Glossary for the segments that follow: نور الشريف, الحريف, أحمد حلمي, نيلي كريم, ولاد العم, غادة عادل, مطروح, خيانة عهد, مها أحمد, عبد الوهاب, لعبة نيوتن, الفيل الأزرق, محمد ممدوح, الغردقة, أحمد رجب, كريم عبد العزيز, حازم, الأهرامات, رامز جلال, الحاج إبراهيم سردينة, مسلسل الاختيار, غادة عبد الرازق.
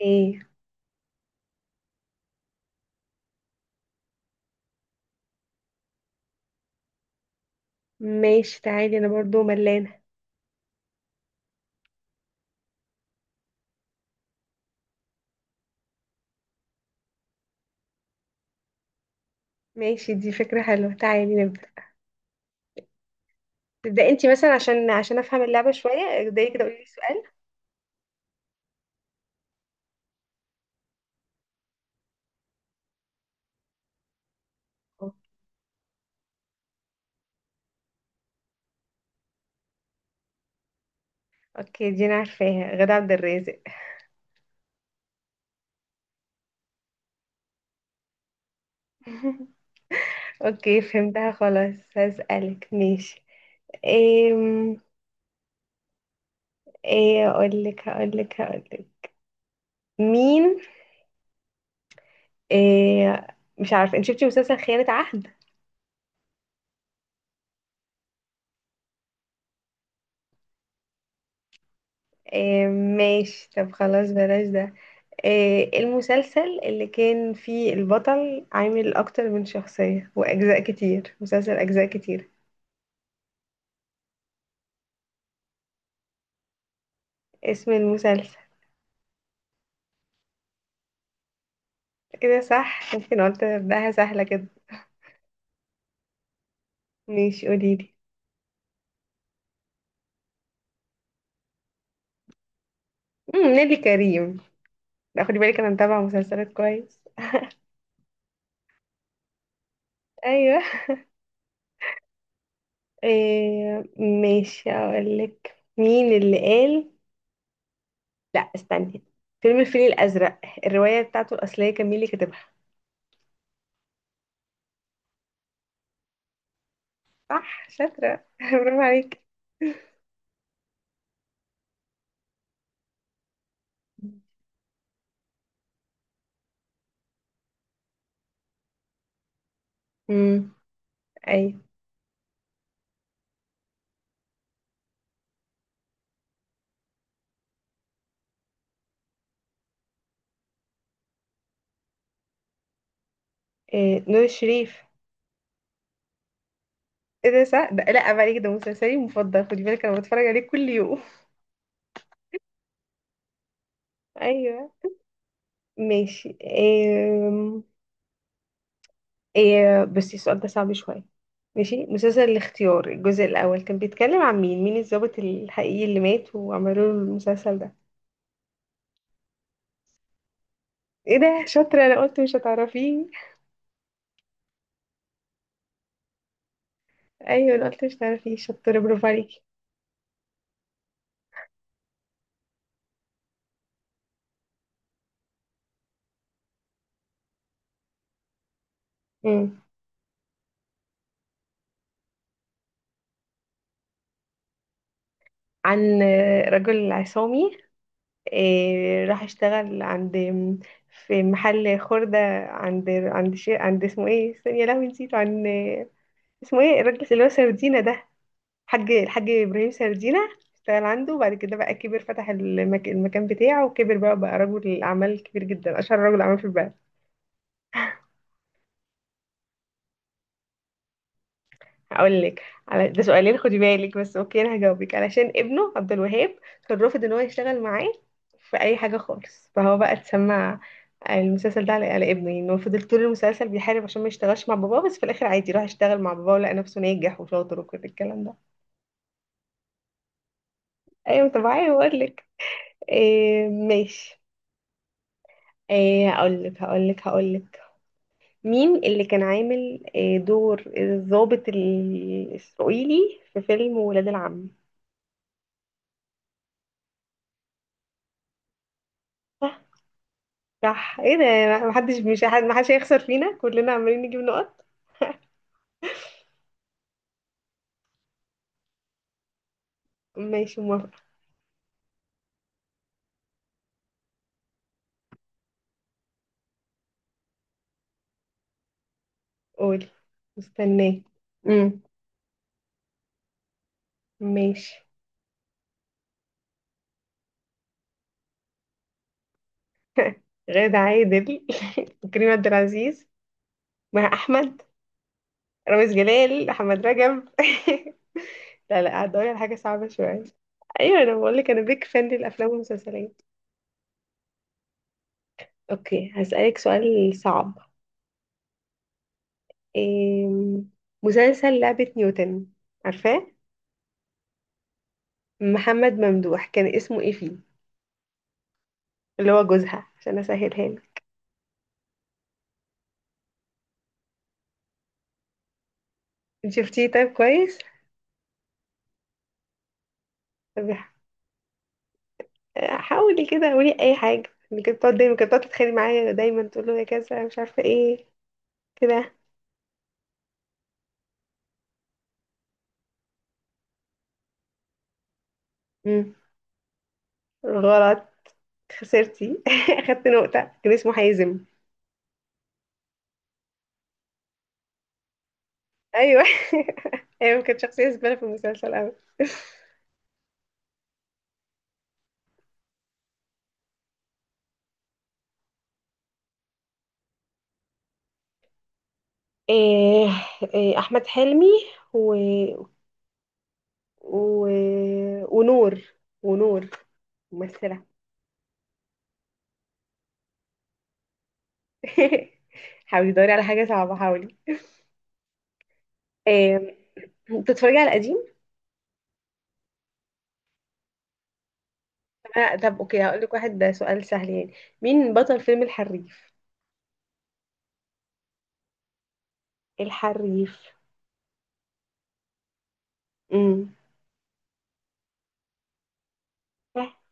ايه. ماشي، تعالي انا برضو ملانة. ماشي، دي فكرة حلوة، تعالي نبدأ. تبدأ انتي مثلا عشان افهم اللعبة شوية، ابدأي كده قولي لي سؤال. اوكي، دي انا عارفاها، غادة عبد الرازق. اوكي فهمتها خلاص، هسألك ماشي؟ ايه ايه اقولك، هقولك. مين؟ ايه. مش عارفة، انت شفتي مسلسل خيانة عهد؟ ايه، ماشي، طب خلاص بلاش ده. المسلسل اللي كان فيه البطل عامل أكتر من شخصية وأجزاء كتير، مسلسل أجزاء كتير. اسم المسلسل. كده صح، ممكن قلت أبدأها سهلة كده. ماشي، قوليلي. نيلي كريم. لا، خدي بالك أنا متابعة مسلسلات كويس. أيوه. ماشي، أقولك مين اللي قال. لا، استني. فيلم الفيل الأزرق، الرواية بتاعته الأصلية كان مين اللي كاتبها؟ صح شاطرة، برافو عليك. مم. أيوه. إيه، نور الشريف. ايه ده صح، ده لا عيب عليك، ده مسلسلي المفضل، خدي بالك انا بتفرج عليه كل يوم. ايوه. ماشي. بس السؤال ده صعب شويه. ماشي، مسلسل الاختيار الجزء الاول كان بيتكلم عن مين الضابط الحقيقي اللي مات وعملوا له المسلسل ده؟ ايه ده شاطره، انا قلت مش هتعرفيه. ايوه انا قلت مش هتعرفيه، شاطره، برافو عليكي. أمم. عن رجل عصامي. إيه راح اشتغل عند، في محل خردة، عند شي، عند اسمه ايه، استني يا لهوي نسيته، عن اسمه ايه الراجل اللي هو سردينة ده، الحاج ابراهيم سردينة. اشتغل عنده وبعد كده بقى كبر، فتح المكان بتاعه وكبر، بقى رجل اعمال كبير جدا، اشهر رجل اعمال في البلد. هقول لك، على ده سؤالين خدي بالك، بس اوكي انا هجاوبك. علشان ابنه عبد الوهاب كان رافض ان هو يشتغل معاه في اي حاجه خالص، فهو بقى اتسمع المسلسل ده على ابنه. يعني هو فضل طول المسلسل بيحارب عشان ما يشتغلش مع باباه، بس في الاخر عادي راح يشتغل مع باباه ولقى نفسه ناجح وشاطر وكل الكلام ده. ايوه طبيعي. هقول لك. ماشي. هقول لك مين اللي كان عامل دور الضابط الاسرائيلي في فيلم ولاد العم؟ صح. ايه ده محدش، مش حد محدش هيخسر فينا، كلنا عمالين نجيب نقط. ماشي موافقة. قولي. مستنيه. امم. ماشي. غادة عادل. كريم عبد العزيز. مها احمد. رامز جلال احمد رجب. لا لا، هدوري على حاجة صعبة شوية. ايوه انا بقول لك، انا بيك فان للافلام والمسلسلات. اوكي هسألك سؤال صعب. إيه. مسلسل لعبة نيوتن، عارفاه؟ محمد ممدوح كان اسمه ايه فيه، اللي هو جوزها، عشان اسهلها لك. شفتيه؟ طيب كويس. طب حاولي كده قولي اي حاجه. اللي كانت بتقعد دايما، كانت بتقعد تتخانق معايا دايما، تقول له يا كذا مش عارفه ايه كده. مم. غلط. خسرتي. اخدت نقطه، كان اسمه حازم. ايوه. ايوه كانت شخصيه زباله في المسلسل قوي. إيه إيه احمد حلمي، و... و... ونور ونور ممثله. حاولي دوري على حاجه صعبه، حاولي. إيه بتتفرجي على القديم؟ طب اوكي هقول لك واحد، ده سؤال سهل يعني. مين بطل فيلم الحريف؟ الحريف. امم. صح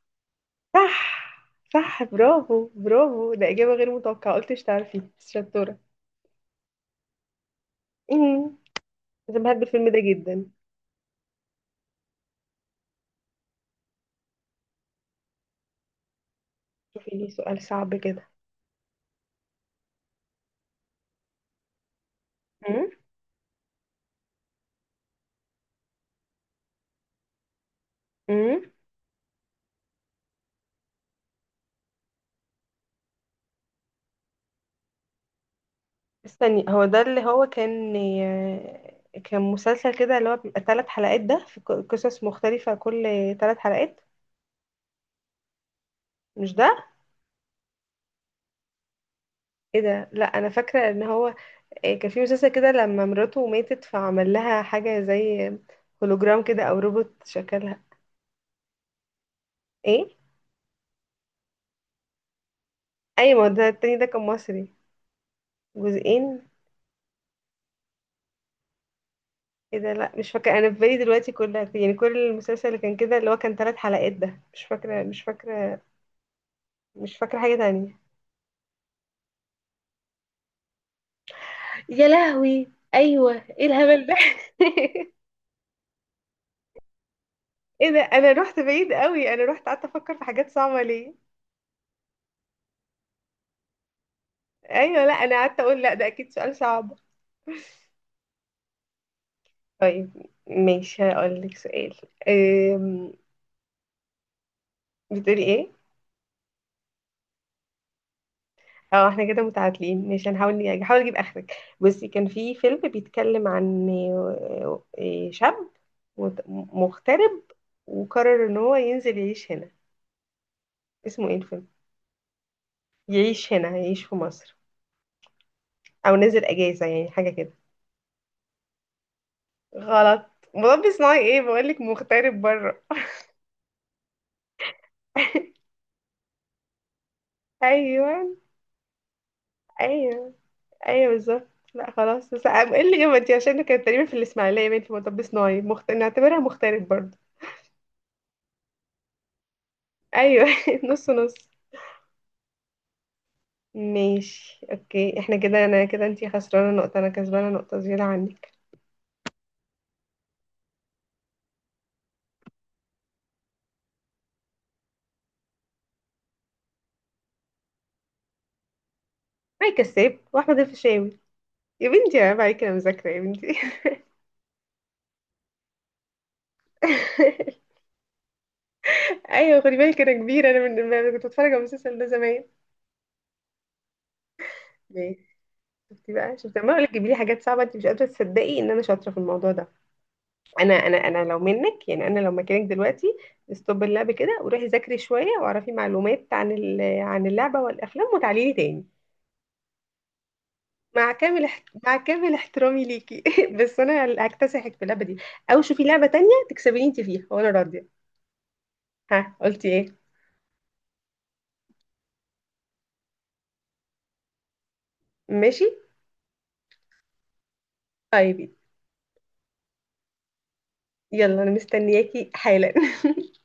صح صح، برافو برافو. ده إجابة غير متوقعة، قلتش تعرفي بس شطورة. امم. انا بحب الفيلم ده جدا. شوفي لي سؤال صعب كده. امم امم. استني، هو ده اللي هو كان، مسلسل كده اللي هو بيبقى ثلاث حلقات، ده في قصص مختلفة كل ثلاث حلقات. مش ده؟ ايه ده لا انا فاكرة ان هو، كان في مسلسل كده لما مراته ماتت فعمل لها حاجة زي هولوجرام كده او روبوت شكلها. ايه. ايوه ده التاني ده كان مصري. جزئين. ايه ده لا مش فاكره، انا في بالي دلوقتي كلها يعني، كل المسلسل اللي كان كده اللي هو كان ثلاث حلقات ده مش فاكره. مش فاكره حاجه تانية. يا لهوي. ايوه. ايه الهبل ده. ايه ده، انا رحت بعيد قوي، انا رحت قعدت افكر في حاجات صعبه ليه. ايوه. لا انا قعدت اقول لا ده اكيد سؤال صعب. طيب ماشي هقول لك سؤال. أم، بتقولي ايه؟ اه، احنا كده متعادلين، مش هنحاول هحاول اجيب اخرك. بصي، كان في فيلم بيتكلم عن شاب مغترب وقرر ان هو ينزل يعيش هنا. اسمه ايه الفيلم؟ يعيش هنا، يعيش في مصر او نزل اجازة يعني حاجة كده. غلط. مربي صناعي؟ ايه بقولك مغترب بره. ايوه ايوه ايوه بالظبط. لا خلاص بس ايه اللي جابتي، عشان كانت تقريبا في الاسماعيليه باين في مطب صناعي، نعتبرها مغترب برضه. ايوه. نص نص. ماشي اوكي، احنا كده، انا كده انتي خسرانه نقطه، انا كسبانه نقطه زياده عنك. معي كساب واحمد الفيشاوي. يا بنتي عيب عليكي، انا معايا كده مذاكره يا بنتي. ايوه خدي بالك انا كبيره، انا من أنا كنت بتفرج على المسلسل ده زمان. ماشي. شفتي بقى، شفتي لما اقول لك جيبي لي حاجات صعبه، انت مش قادره تصدقي ان انا شاطره في الموضوع ده. انا لو منك يعني، لو مكانك دلوقتي، استوب اللعب كده وروحي ذاكري شويه واعرفي معلومات عن اللعبه والافلام، وتعالي لي تاني. مع كامل احترامي ليكي، بس انا اللي هكتسحك في اللعبه دي، او شوفي لعبه تانية تكسبيني انت فيها وانا راضيه. ها قلتي ايه؟ ماشي، طيب. يلا انا مستنياكي حالا.